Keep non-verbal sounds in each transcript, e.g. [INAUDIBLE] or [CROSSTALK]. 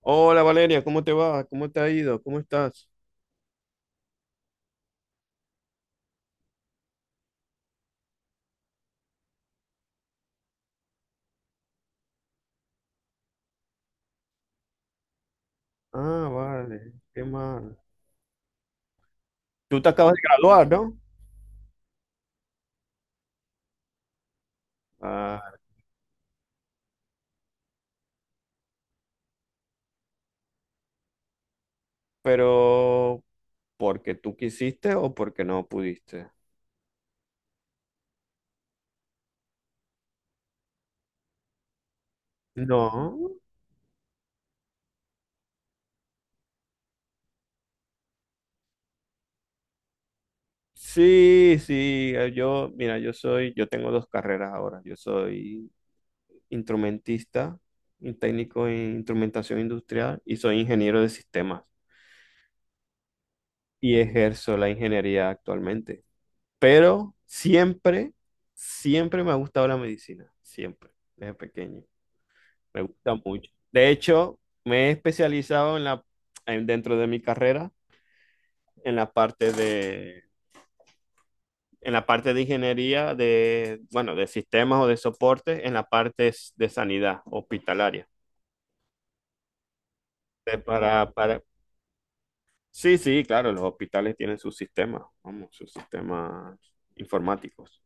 Hola Valeria, ¿cómo te va? ¿Cómo te ha ido? ¿Cómo estás? Ah, vale, qué mal. Tú te acabas de graduar, ¿no? Ah, pero ¿porque tú quisiste o porque no pudiste? No. Sí, sí, yo, mira, yo tengo dos carreras ahora. Yo soy instrumentista, un técnico en instrumentación industrial y soy ingeniero de sistemas y ejerzo la ingeniería actualmente. Pero siempre, siempre me ha gustado la medicina, siempre, desde pequeño. Me gusta mucho. De hecho, me he especializado dentro de mi carrera en la parte de, ingeniería de, bueno, de sistemas o de soporte, en la parte de sanidad hospitalaria. Eh, Para, para... Sí, sí, claro, los hospitales tienen sus sistemas, vamos, sus sistemas informáticos.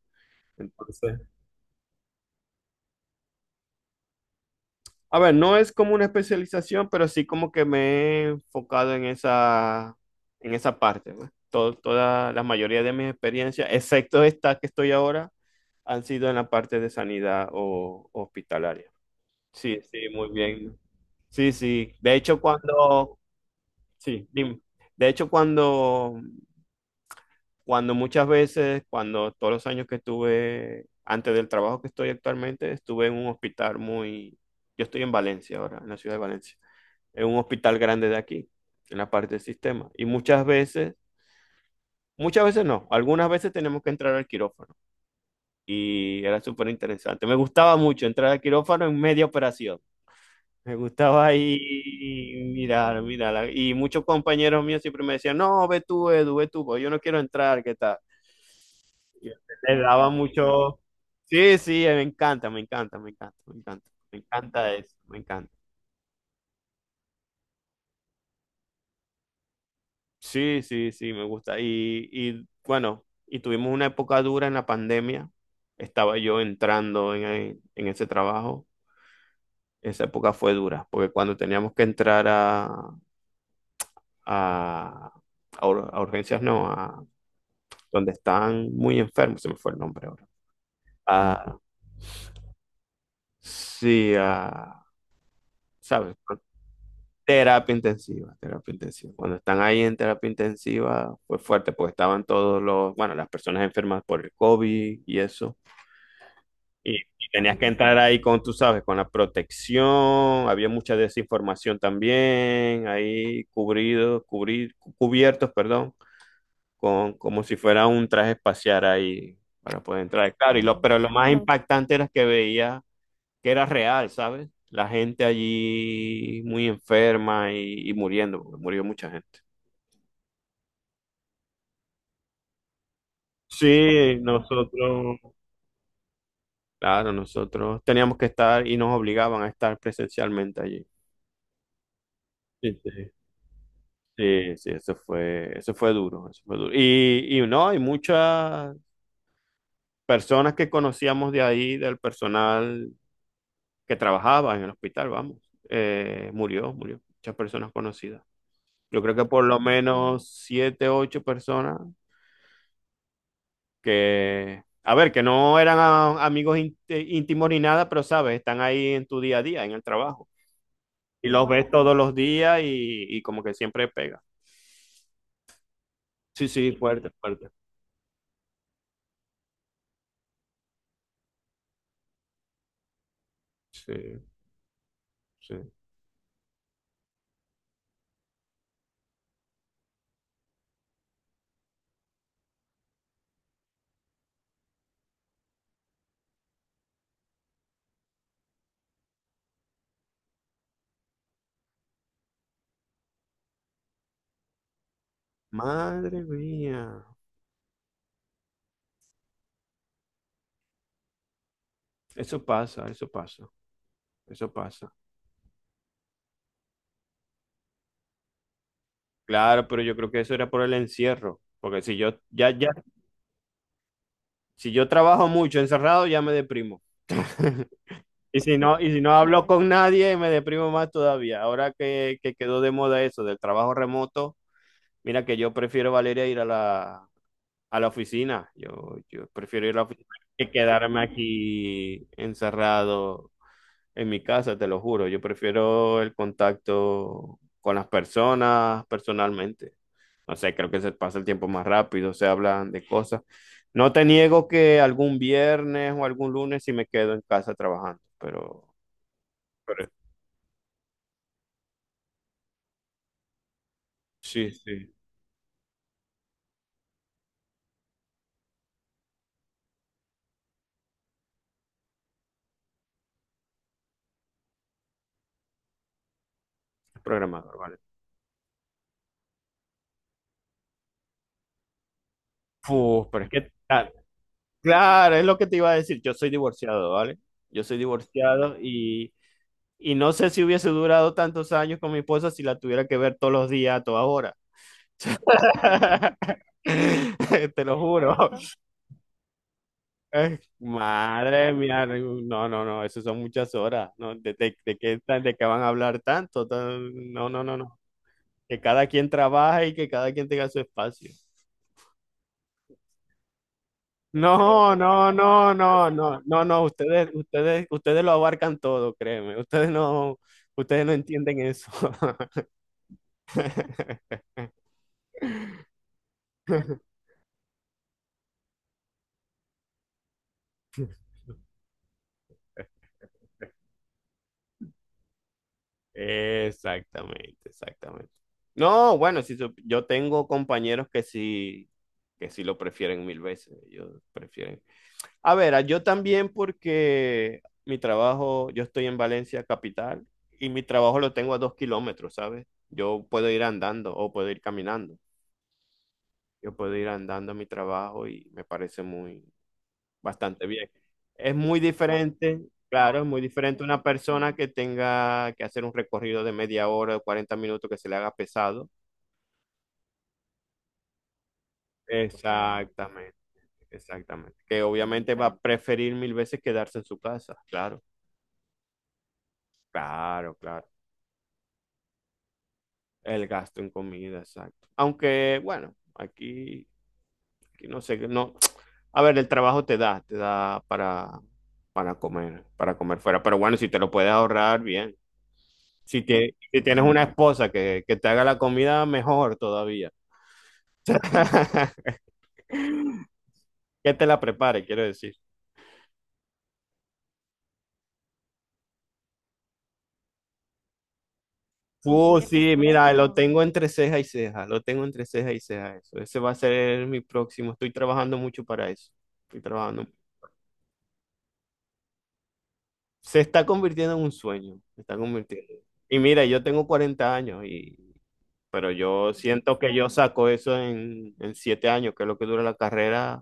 Entonces, a ver, no es como una especialización, pero sí como que me he enfocado en esa, parte, ¿no? Toda la mayoría de mis experiencias, excepto esta que estoy ahora, han sido en la parte de sanidad o hospitalaria. Sí, sí, muy bien. Sí, sí. De hecho, sí, dime. De hecho, cuando todos los años que estuve antes del trabajo que estoy actualmente, estuve en un hospital yo estoy en Valencia ahora, en la ciudad de Valencia en un hospital grande de aquí, en la parte del sistema. Y muchas veces no, algunas veces tenemos que entrar al quirófano. Y era súper interesante. Me gustaba mucho entrar al quirófano en media operación. Me gustaba ahí mirar, mirar. Y muchos compañeros míos siempre me decían, no, ve tú, Edu, ve tú, porque yo no quiero entrar, ¿qué tal? Y le daba mucho... Sí, sí, me encanta, me encanta, me encanta, me encanta. Me encanta eso, me encanta. Sí, sí, sí, me gusta. Y bueno, y tuvimos una época dura en la pandemia. Estaba yo entrando en ese trabajo. Esa época fue dura, porque cuando teníamos que entrar a, a urgencias, no, a donde están muy enfermos, se me fue el nombre ahora. A, sí, ¿sabes? Terapia intensiva, terapia intensiva. Cuando están ahí en terapia intensiva fue fuerte, porque estaban todos los, bueno, las personas enfermas por el COVID y eso. Y tenías que entrar ahí con, tú sabes, con la protección, había mucha desinformación también, ahí cubiertos, perdón, con, como si fuera un traje espacial ahí para poder entrar. Claro, y lo, pero lo más, wow, impactante era que veía que era real, ¿sabes? La gente allí muy enferma y muriendo, porque murió mucha gente. Sí, nosotros, claro, nosotros teníamos que estar y nos obligaban a estar presencialmente allí. Sí, sí. Sí, sí, eso fue duro, eso fue duro. Y no, hay muchas personas que conocíamos de ahí, del personal que trabajaba en el hospital, vamos, murió, murió, muchas personas conocidas. Yo creo que por lo menos siete, ocho personas que, a ver, que no eran íntimos ni nada, pero sabes, están ahí en tu día a día, en el trabajo. Y los ves todos los días y como que siempre pega. Sí, sí, fuerte, fuerte. Sí, sí. Madre mía, eso pasa, eso pasa, eso pasa. Claro, pero yo creo que eso era por el encierro, porque si yo ya si yo trabajo mucho encerrado ya me deprimo. [LAUGHS] Y si no hablo con nadie me deprimo más todavía. Ahora que quedó de moda eso del trabajo remoto, mira que yo prefiero, Valeria, ir a la oficina. Yo prefiero ir a la oficina que quedarme aquí encerrado en mi casa, te lo juro, yo prefiero el contacto con las personas personalmente. No sé, creo que se pasa el tiempo más rápido, se hablan de cosas. No te niego que algún viernes o algún lunes sí me quedo en casa trabajando, pero, pero sí, sí, es programador, ¿vale? Uf, pero es que, ah, claro, es lo que te iba a decir, yo soy divorciado, ¿vale? Yo soy divorciado y no sé si hubiese durado tantos años con mi esposa si la tuviera que ver todos los días, a toda hora. [LAUGHS] [LAUGHS] Te lo juro. [LAUGHS] Madre mía, no, no, no, eso son muchas horas. No, ¿de qué van a hablar tanto? No, no, no, no. Que cada quien trabaje y que cada quien tenga su espacio. No, no, no, no, no, no, no, ustedes, ustedes, ustedes lo abarcan todo, créeme. Ustedes no entienden eso. [LAUGHS] Exactamente, exactamente. No, bueno, si yo tengo compañeros que sí, lo prefieren mil veces. Ellos prefieren. A ver, yo también porque mi trabajo, yo estoy en Valencia capital y mi trabajo lo tengo a 2 km, ¿sabes? Yo puedo ir andando o puedo ir caminando. Yo puedo ir andando a mi trabajo y me parece muy, bastante bien. Es muy diferente, claro, es muy diferente una persona que tenga que hacer un recorrido de media hora o 40 minutos que se le haga pesado. Exactamente, exactamente. Que obviamente va a preferir mil veces quedarse en su casa, claro, claro, claro. El gasto en comida, exacto. Aunque, bueno, aquí, aquí no sé, no. A ver, el trabajo te da para comer fuera. Pero bueno, si te lo puedes ahorrar, bien. Si tienes una esposa que te haga la comida, mejor todavía. [LAUGHS] Que te la prepare, quiero decir. Sí, sí, mira, lo exacto. Tengo entre ceja y ceja, lo tengo entre ceja y ceja, eso. Ese va a ser mi próximo. Estoy trabajando mucho para eso. Estoy trabajando. Se está convirtiendo en un sueño, se está convirtiendo. Y mira, yo tengo 40 años y pero yo siento que yo saco eso en 7 años, que es lo que dura la carrera,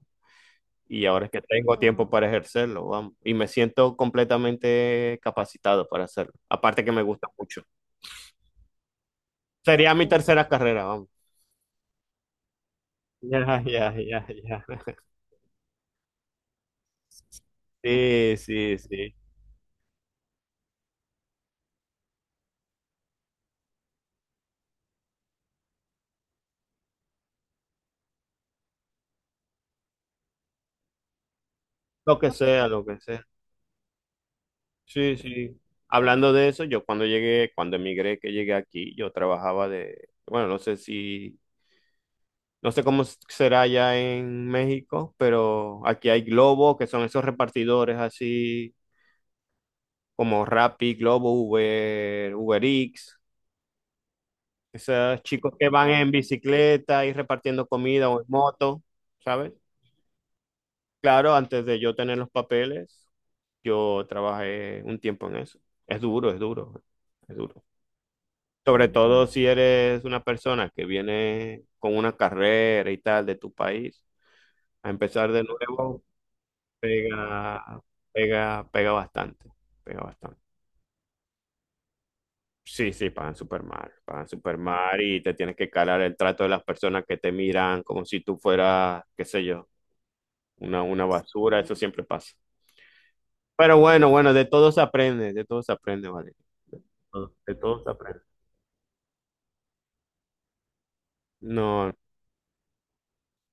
y ahora es que tengo tiempo para ejercerlo, vamos, y me siento completamente capacitado para hacerlo, aparte que me gusta mucho. Sería mi tercera carrera, vamos. [LAUGHS] Ya, ya, ya, ya. [LAUGHS] Sí, sí, sí. Lo que sea, lo que sea. Sí, sí. Hablando de eso, yo cuando llegué, cuando emigré, que llegué aquí, yo trabajaba de, bueno, no sé cómo será allá en México, pero aquí hay Globo, que son esos repartidores así como Rappi, Globo, Uber, Uber Eats, esos chicos que van en bicicleta y repartiendo comida o en moto, ¿sabes? Claro, antes de yo tener los papeles, yo trabajé un tiempo en eso. Es duro, es duro, es duro. Sobre todo si eres una persona que viene con una carrera y tal de tu país, a empezar de nuevo pega, pega, pega bastante, pega bastante. Sí, sí, pagan súper mal y te tienes que calar el trato de las personas que te miran como si tú fueras, qué sé yo, una basura, eso siempre pasa. Pero bueno, bueno, de todo se aprende, de todo se aprende, vale. De todo se aprende. No,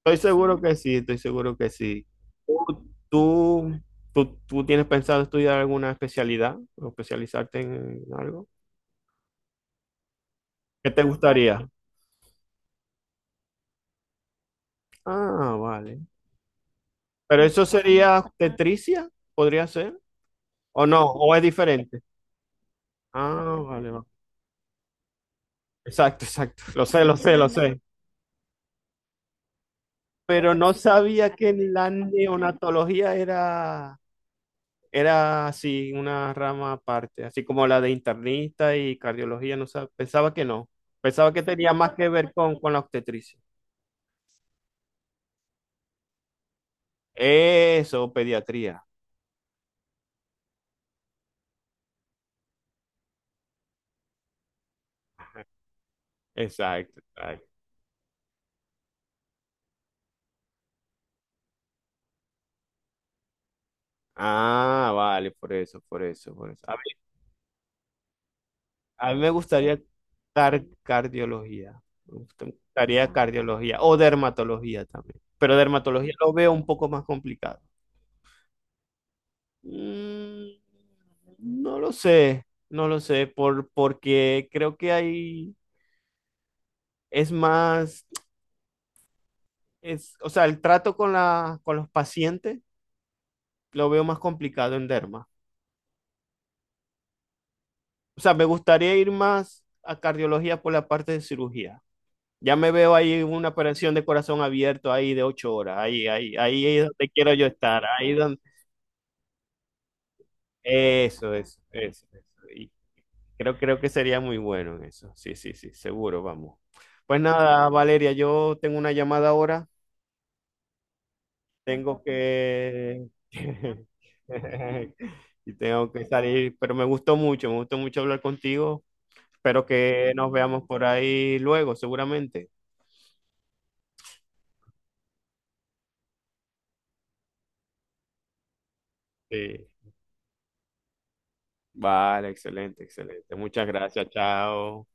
estoy seguro que sí, estoy seguro que sí. ¿Tú, tú, tú tienes pensado estudiar alguna especialidad o especializarte en algo? ¿Qué te gustaría? Ah, vale. ¿Pero eso sería tetricia? ¿Podría ser? ¿O no? ¿O es diferente? Ah, vale, vale. Exacto, exacto. Lo sé, lo sé, lo sé. Pero no sabía que la neonatología era... Era así, una rama aparte, así como la de internista y cardiología, no pensaba que no. Pensaba que tenía más que ver con la obstetricia. Eso, pediatría. Exacto, exacto. Ah, vale, por eso, por eso, por eso. A mí me gustaría cardiología. Me gustaría cardiología o dermatología también. Pero dermatología lo veo un poco más complicado. Mm, no lo sé, no lo sé, por, porque creo que hay es más, es, o sea, el trato con la, con los pacientes lo veo más complicado en derma. O sea, me gustaría ir más a cardiología por la parte de cirugía. Ya me veo ahí en una operación de corazón abierto ahí de 8 horas, ahí, ahí, ahí es donde quiero yo estar, ahí donde... Eso, eso, eso, eso. Y creo, creo que sería muy bueno en eso. Sí, sí, sí, seguro, vamos. Pues nada, Valeria, yo tengo una llamada ahora. Tengo que [LAUGHS] Y tengo que salir, pero me gustó mucho hablar contigo. Espero que nos veamos por ahí luego, seguramente. Sí. Vale, excelente, excelente. Muchas gracias, chao.